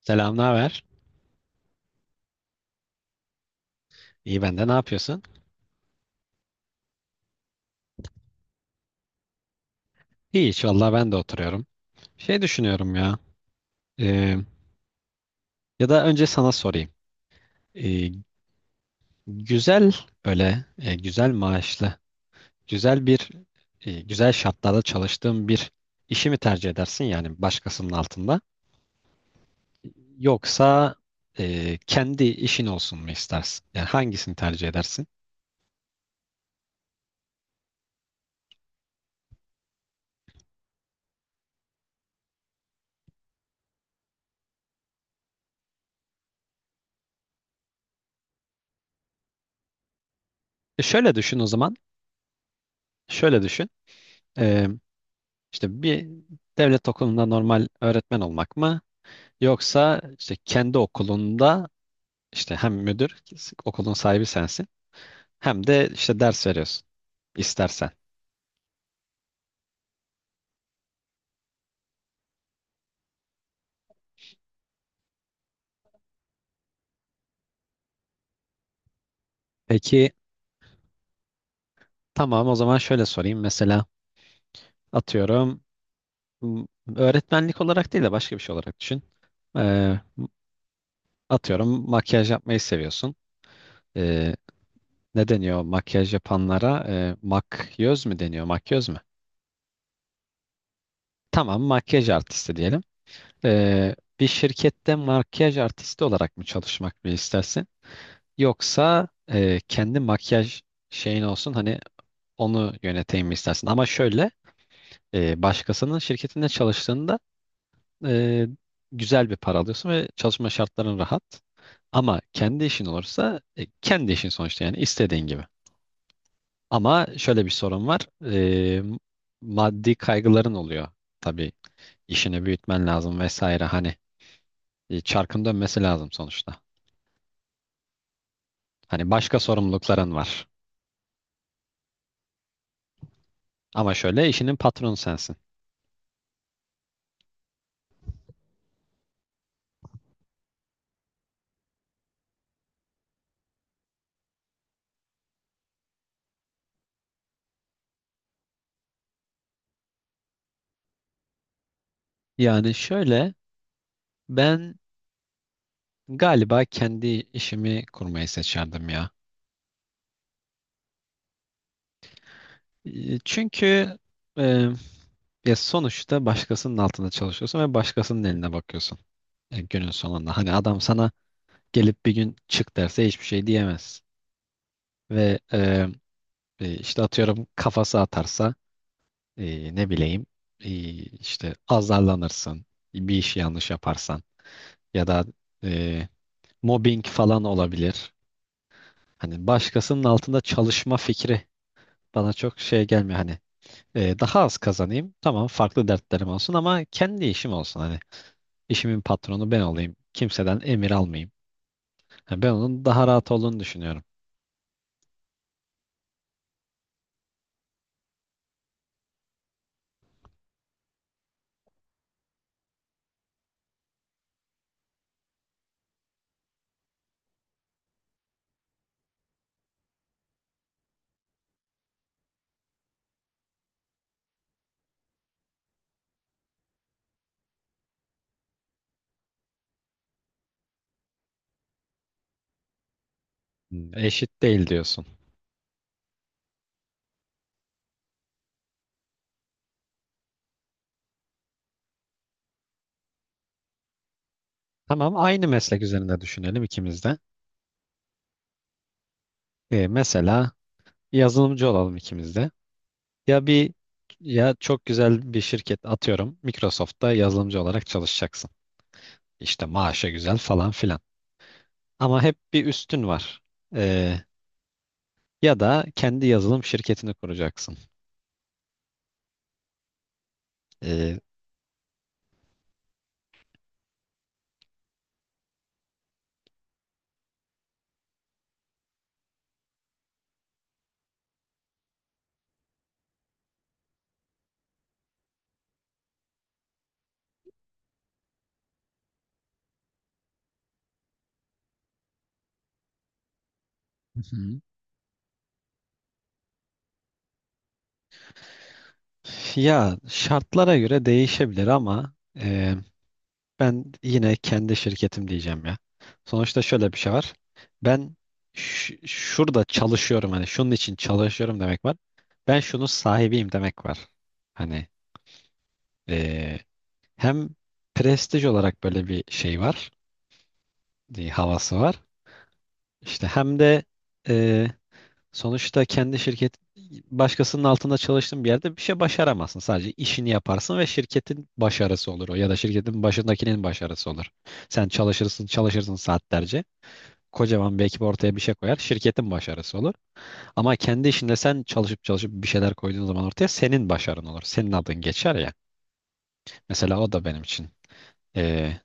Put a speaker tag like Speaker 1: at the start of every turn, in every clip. Speaker 1: Selam, ne haber? İyi ben de ne yapıyorsun? Hiç vallahi ben de oturuyorum. Şey düşünüyorum ya. e, Ya da önce sana sorayım. E, Güzel böyle, güzel maaşlı, güzel bir, güzel şartlarda çalıştığın bir işi mi tercih edersin yani başkasının altında? Yoksa kendi işin olsun mu istersin? Yani hangisini tercih edersin? Şöyle düşün o zaman. Şöyle düşün. E, işte bir devlet okulunda normal öğretmen olmak mı? Yoksa işte kendi okulunda işte hem müdür, okulun sahibi sensin, hem de işte ders veriyorsun istersen. Peki tamam, o zaman şöyle sorayım. Mesela atıyorum, m- öğretmenlik olarak değil de başka bir şey olarak düşün. Ee, Atıyorum makyaj yapmayı seviyorsun. Ee, Ne deniyor makyaj yapanlara? Makyöz mü deniyor? Makyöz mü? Tamam, makyaj artisti diyelim. Bir şirkette makyaj artisti olarak mı çalışmak mı istersin? Yoksa kendi makyaj şeyin olsun hani onu yöneteyim mi istersin? Ama şöyle, başkasının şirketinde çalıştığında e, güzel bir para alıyorsun ve çalışma şartların rahat. Ama kendi işin olursa, kendi işin sonuçta yani istediğin gibi. Ama şöyle bir sorun var. E, Maddi kaygıların oluyor. Tabii işini büyütmen lazım vesaire, hani çarkın dönmesi lazım sonuçta. Hani başka sorumlulukların var. Ama şöyle, işinin patronu sensin. Yani şöyle, ben galiba kendi işimi kurmayı seçerdim ya. Çünkü e, ya sonuçta başkasının altında çalışıyorsun ve başkasının eline bakıyorsun. Günün sonunda. Hani adam sana gelip bir gün çık derse hiçbir şey diyemez. Ve işte atıyorum kafası atarsa, ne bileyim, e, işte azarlanırsın. Bir işi yanlış yaparsan ya da e, mobbing falan olabilir. Hani başkasının altında çalışma fikri bana çok şey gelmiyor. Hani daha az kazanayım. Tamam, farklı dertlerim olsun ama kendi işim olsun. Hani işimin patronu ben olayım. Kimseden emir almayayım. Ha, ben onun daha rahat olduğunu düşünüyorum. Hmm, eşit değil diyorsun. Tamam, aynı meslek üzerinde düşünelim ikimiz de. Mesela yazılımcı olalım ikimiz de. Ya bir Ya çok güzel bir şirket atıyorum. Microsoft'ta yazılımcı olarak çalışacaksın. İşte maaşa güzel falan filan. Ama hep bir üstün var. Ee, Ya da kendi yazılım şirketini kuracaksın. Ee, Hı hı. Ya şartlara göre değişebilir ama e, ben yine kendi şirketim diyeceğim ya. Sonuçta şöyle bir şey var. Ben şurada çalışıyorum, hani şunun için çalışıyorum demek var. Ben şunun sahibiyim demek var. Hani e, hem prestij olarak böyle bir şey var, havası var. İşte hem de e, sonuçta kendi şirket başkasının altında çalıştığın bir yerde bir şey başaramazsın. Sadece işini yaparsın ve şirketin başarısı olur, o ya da şirketin başındakinin başarısı olur. Sen çalışırsın, çalışırsın saatlerce. Kocaman bir ekip ortaya bir şey koyar. Şirketin başarısı olur. Ama kendi işinde sen çalışıp çalışıp bir şeyler koyduğun zaman ortaya senin başarın olur. Senin adın geçer ya. Mesela o da benim için eee,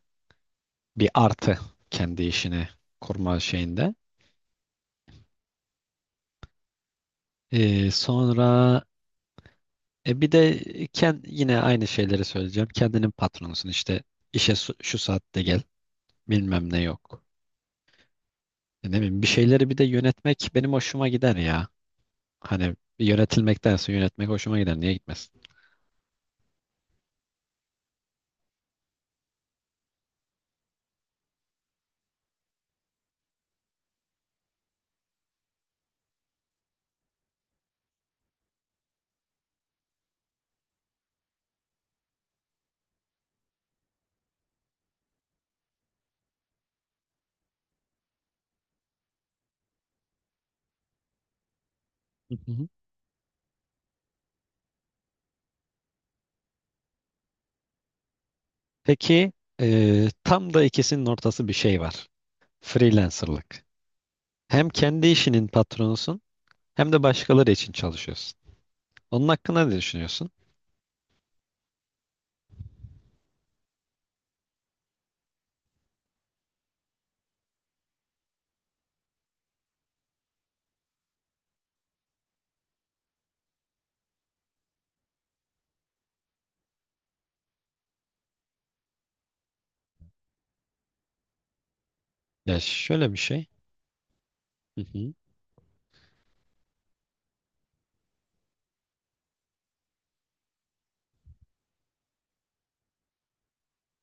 Speaker 1: bir artı, kendi işini kurma şeyinde. Sonra, bir de, yine aynı şeyleri söyleyeceğim. Kendinin patronusun, işte işe şu saatte gel bilmem ne yok. Ne bileyim, bir şeyleri bir de yönetmek benim hoşuma gider ya. Hani yönetilmektense yönetmek hoşuma gider, niye gitmesin? Hı hı. Peki, tam da ikisinin ortası bir şey var. Freelancerlık. Hem kendi işinin patronusun, hem de başkaları için çalışıyorsun. Onun hakkında ne düşünüyorsun? Ya şöyle bir şey. Hı hı.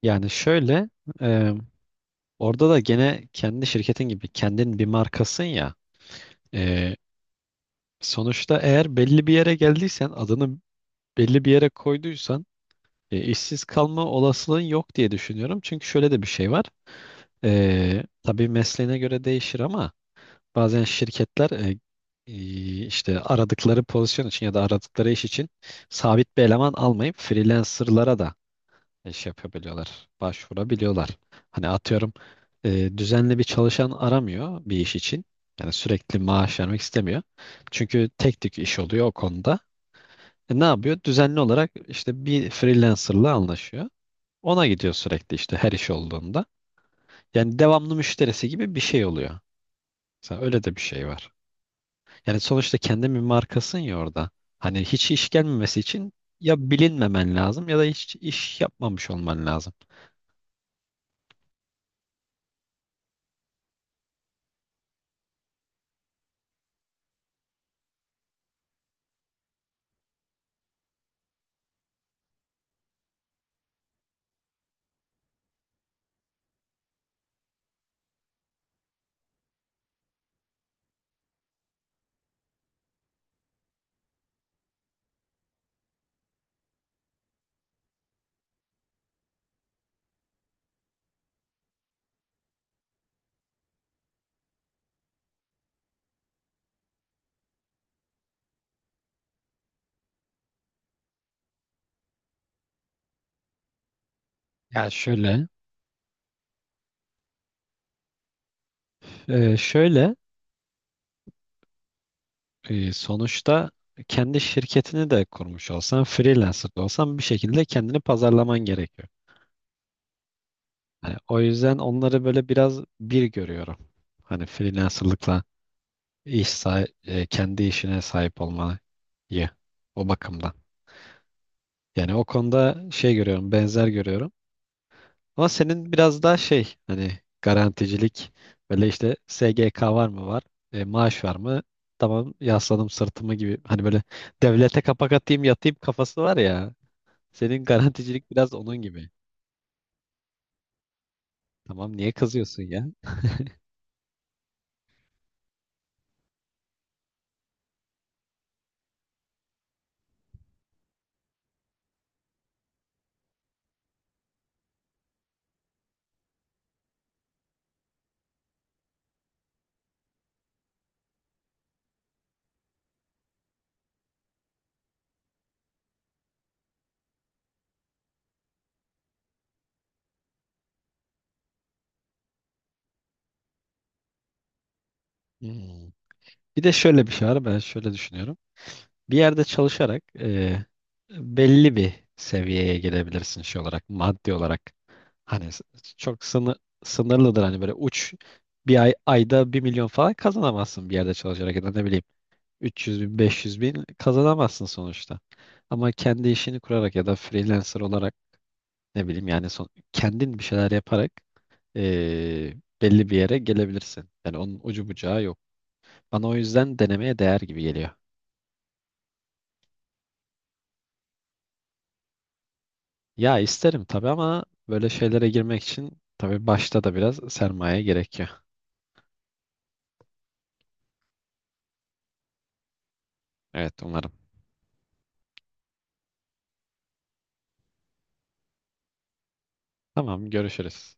Speaker 1: Yani şöyle, e, orada da gene kendi şirketin gibi kendin bir markasın ya. Ee, Sonuçta eğer belli bir yere geldiysen, adını belli bir yere koyduysan, işsiz kalma olasılığın yok diye düşünüyorum. Çünkü şöyle de bir şey var. Tabii mesleğine göre değişir ama bazen şirketler işte aradıkları pozisyon için ya da aradıkları iş için sabit bir eleman almayıp freelancerlara da iş yapabiliyorlar, başvurabiliyorlar. Hani atıyorum, düzenli bir çalışan aramıyor bir iş için. Yani sürekli maaş vermek istemiyor. Çünkü tek tük iş oluyor o konuda. Ne yapıyor? Düzenli olarak işte bir freelancerla anlaşıyor. Ona gidiyor sürekli, işte her iş olduğunda. Yani devamlı müşterisi gibi bir şey oluyor. Mesela öyle de bir şey var. Yani sonuçta kendin bir markasın ya orada. Hani hiç iş gelmemesi için ya bilinmemen lazım ya da hiç iş yapmamış olman lazım. Ya şöyle, şöyle, sonuçta kendi şirketini de kurmuş olsan, freelancer da olsan, bir şekilde kendini pazarlaman gerekiyor. Hani o yüzden onları böyle biraz bir görüyorum. Hani freelancerlıkla kendi işine sahip olmayı o bakımdan. Yani o konuda şey görüyorum, benzer görüyorum. Ama senin biraz daha şey hani, garanticilik, böyle işte SGK var mı var, maaş var mı, tamam yasladım sırtımı gibi, hani böyle devlete kapak atayım yatayım kafası var ya, senin garanticilik biraz onun gibi. Tamam, niye kızıyorsun ya? Hmm. Bir de şöyle bir şey var, ben şöyle düşünüyorum. Bir yerde çalışarak belli bir seviyeye gelebilirsin şey olarak, maddi olarak. Hani çok sınırlıdır, hani böyle uç, bir ay ayda 1.000.000 falan kazanamazsın bir yerde çalışarak, ya da ne bileyim 300 bin 500 bin kazanamazsın sonuçta. Ama kendi işini kurarak ya da freelancer olarak, ne bileyim yani kendin bir şeyler yaparak e, belli bir yere gelebilirsin. Yani onun ucu bucağı yok. Bana o yüzden denemeye değer gibi geliyor. Ya isterim tabii ama böyle şeylere girmek için tabii başta da biraz sermaye gerekiyor. Evet umarım. Tamam, görüşürüz.